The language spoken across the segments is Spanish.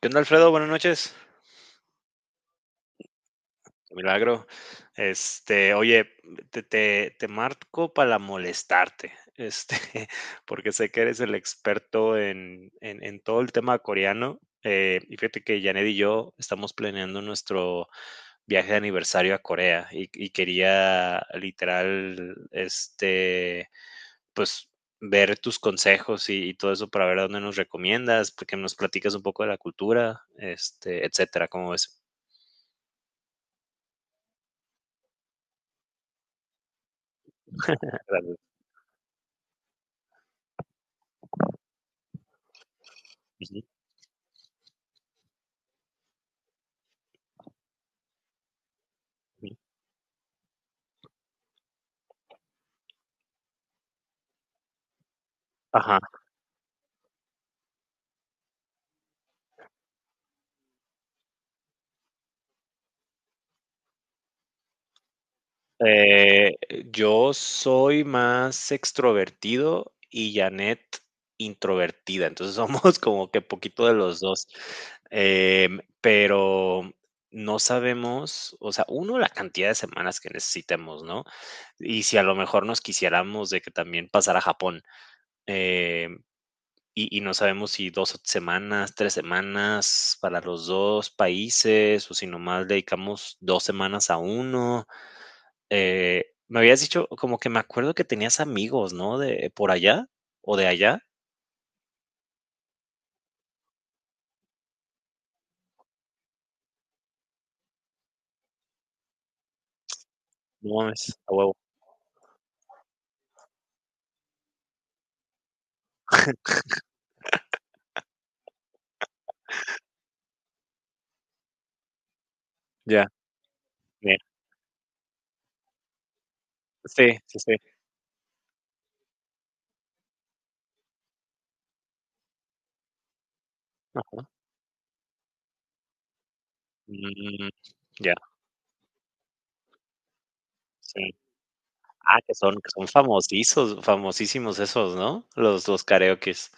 ¿Qué onda, Alfredo? Buenas noches. Qué milagro. Oye, te marco para molestarte, porque sé que eres el experto en todo el tema coreano. Y fíjate que Janet y yo estamos planeando nuestro viaje de aniversario a Corea y quería literal, pues ver tus consejos y todo eso para ver a dónde nos recomiendas, porque nos platicas un poco de la cultura, etcétera. ¿Cómo ves? Ujú. Ajá. Eh, yo soy más extrovertido y Janet introvertida, entonces somos como que poquito de los dos. Pero no sabemos, o sea, uno la cantidad de semanas que necesitemos, ¿no? Y si a lo mejor nos quisiéramos de que también pasar a Japón. Em, y y no sabemos si 2 semanas, 3 semanas para los 2 países, o si nomás dedicamos 2 semanas a uno. Me habías dicho, como que me acuerdo que tenías amigos, ¿no? De por allá o de allá. No mames, a huevo. Ya, ya. Sí, sí, sí. Mm, ya, sí. Ah, que son famosísimos famosísimos esos, ¿no? Los karaokes.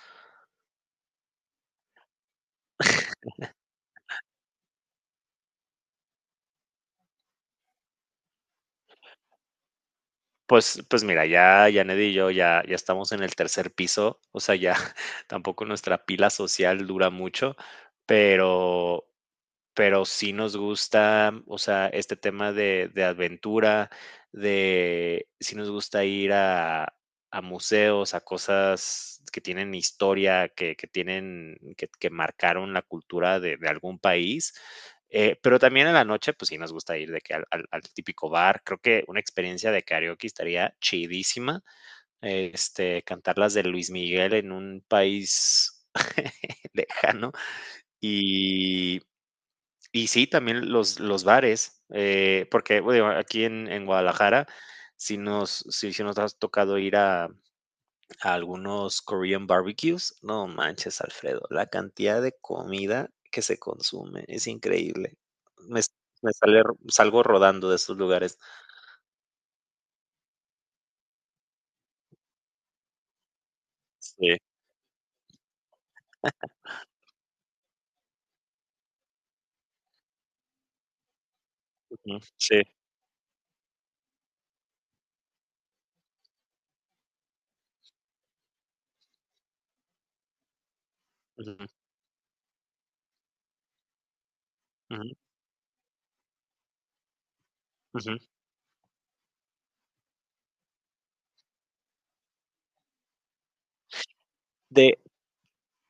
Pues mira, ya Yaned y yo ya estamos en el tercer piso, o sea, ya tampoco nuestra pila social dura mucho, pero pero sí nos gusta, o sea, este tema de aventura, de sí nos gusta ir a museos, a cosas que tienen historia, que tienen, que marcaron la cultura de algún país. Pero también en la noche, pues sí nos gusta ir de que al típico bar. Creo que una experiencia de karaoke estaría chidísima. Cantar las de Luis Miguel en un país lejano. Y y sí, también los bares, porque bueno, aquí en Guadalajara sí nos has tocado ir a algunos Korean barbecues. No manches, Alfredo, la cantidad de comida que se consume es increíble. Me, s- me sale, salgo rodando de esos lugares. Sí, ujú, sí. Ujú, ujú, ujú. De,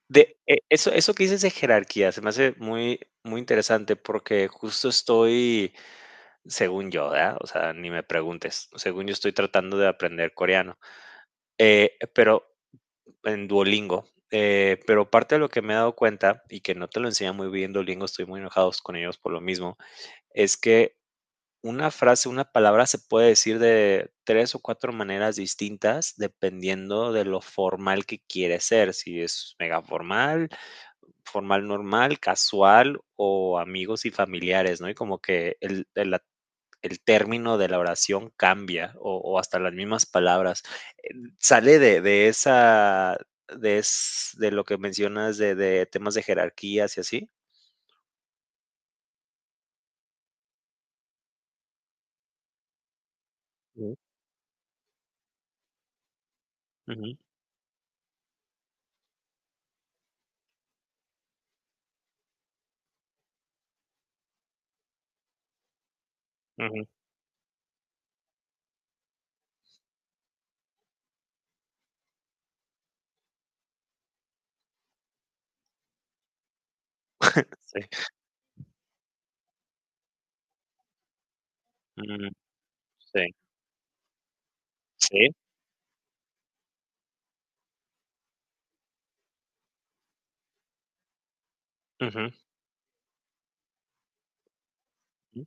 eso que dices de jerarquía se me hace muy, muy interesante porque justo estoy según yo, ¿verdad? O sea, ni me preguntes. Según yo estoy tratando de aprender coreano. Pero en Duolingo. Pero parte de lo que me he dado cuenta y que no te lo enseña muy bien Duolingo, estoy muy enojados con ellos por lo mismo, es que una frase, una palabra se puede decir de tres o cuatro maneras distintas dependiendo de lo formal que quieres ser, si es mega formal, formal normal, casual o amigos y familiares, ¿no? Y como que el- la el término de la oración cambia o hasta las mismas palabras. Eh, Sale de lo que mencionas de temas de jerarquías y así. Ujú, ujú, ujú, sí, mm, sí, sí, ujú, ujú,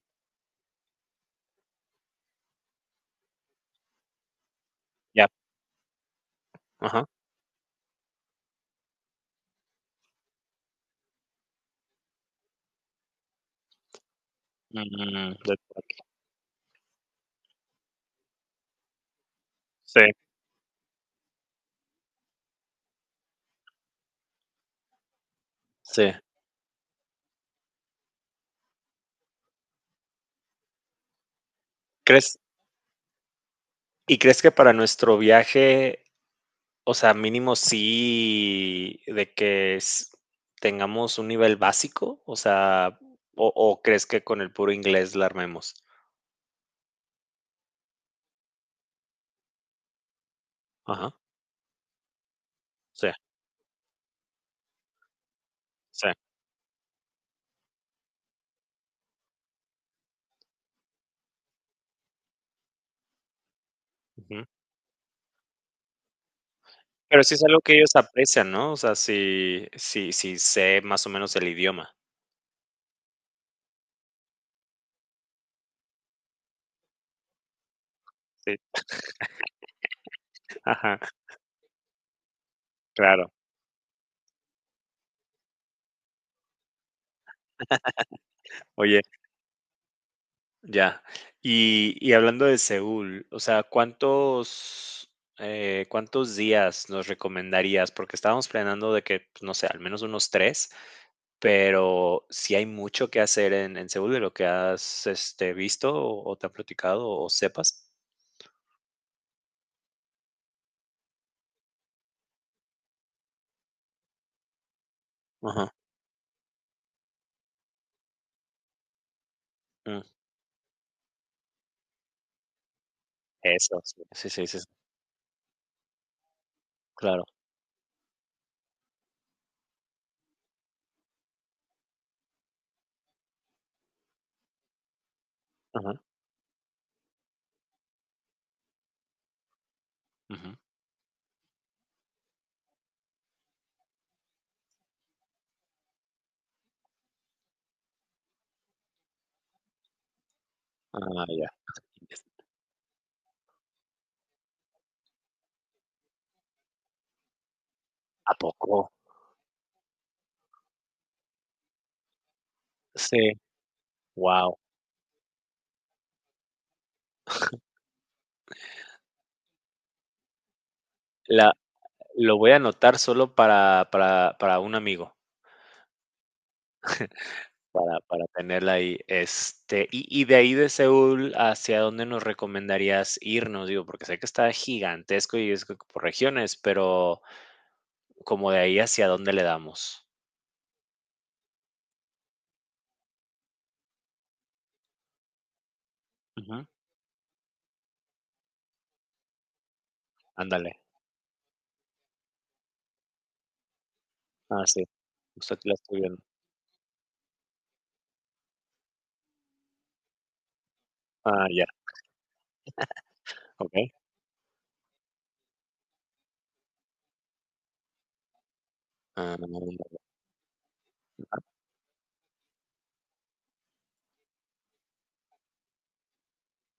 ya, ajá, mm, de acuerdo, sí, sí. ¿Crees crees que para nuestro viaje, o sea, mínimo sí de que tengamos un nivel básico, o sea, o crees que con el puro inglés la armemos. Ajá, sí, sí. Ujú. Pero sí es algo que ellos aprecian, ¿no? O sea, sí, sí, sí sé más o menos el idioma. Sí. Ajá, claro. Oye, ya. Y hablando de Seúl, o sea, cuántos días nos recomendarías? Porque estábamos planeando de que, pues, no sé, al menos unos tres, pero si hay mucho que hacer en Seúl de lo que has visto o te han platicado o sepas. Ajá. Mm, eso, sí, sí, sí, sí, sí, claro. Ajá. Ujú. Ah, ya. ¿A poco? Sí, wow. La, lo voy a anotar solo para un amigo. Para tenerla ahí, y de ahí de Seúl, ¿hacia dónde nos recomendarías irnos? Digo, porque sé que está gigantesco y es por regiones, pero como de ahí, ¿hacia dónde le damos? Ujú, ándale. Ah, sí, justo aquí la estoy viendo. Ah, ya, okey. Ah,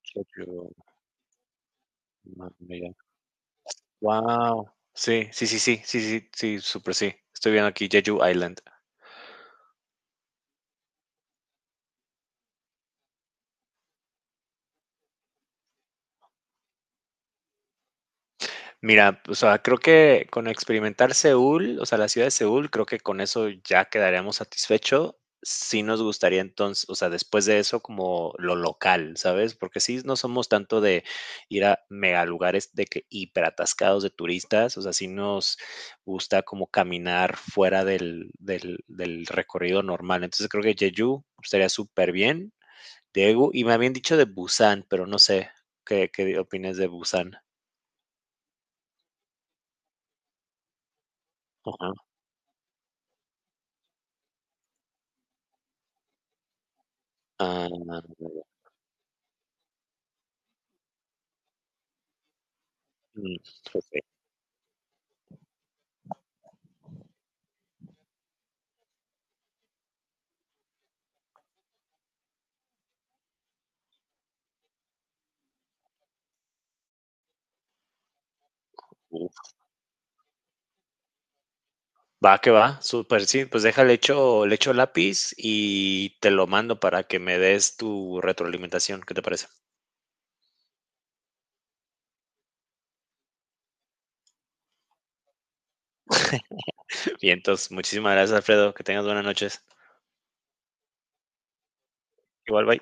Jeju, guau. Sí, sí, sí, sí, sí, sí, sí, súper sí. Estoy viendo aquí Jeju Island. Mira, o sea, creo que con experimentar Seúl, o sea, la ciudad de Seúl, creo que con eso ya quedaríamos satisfecho. Sí nos gustaría entonces, o sea, después de eso como lo local, ¿sabes? Porque sí no somos tanto de ir a mega lugares de que hiperatascados de turistas, o sea, sí nos gusta como caminar fuera del recorrido normal. Entonces creo que Jeju estaría súper bien. Daegu, y me habían dicho de Busan, pero no sé qué opinas de Busan. Ah, mm, okey. Uf, va que va, súper, sí, pues deja, le echo lápiz y te lo mando para que me des tu retroalimentación, ¿qué te parece? Bien, entonces muchísimas gracias, Alfredo, que tengas buenas noches. Igual, bye.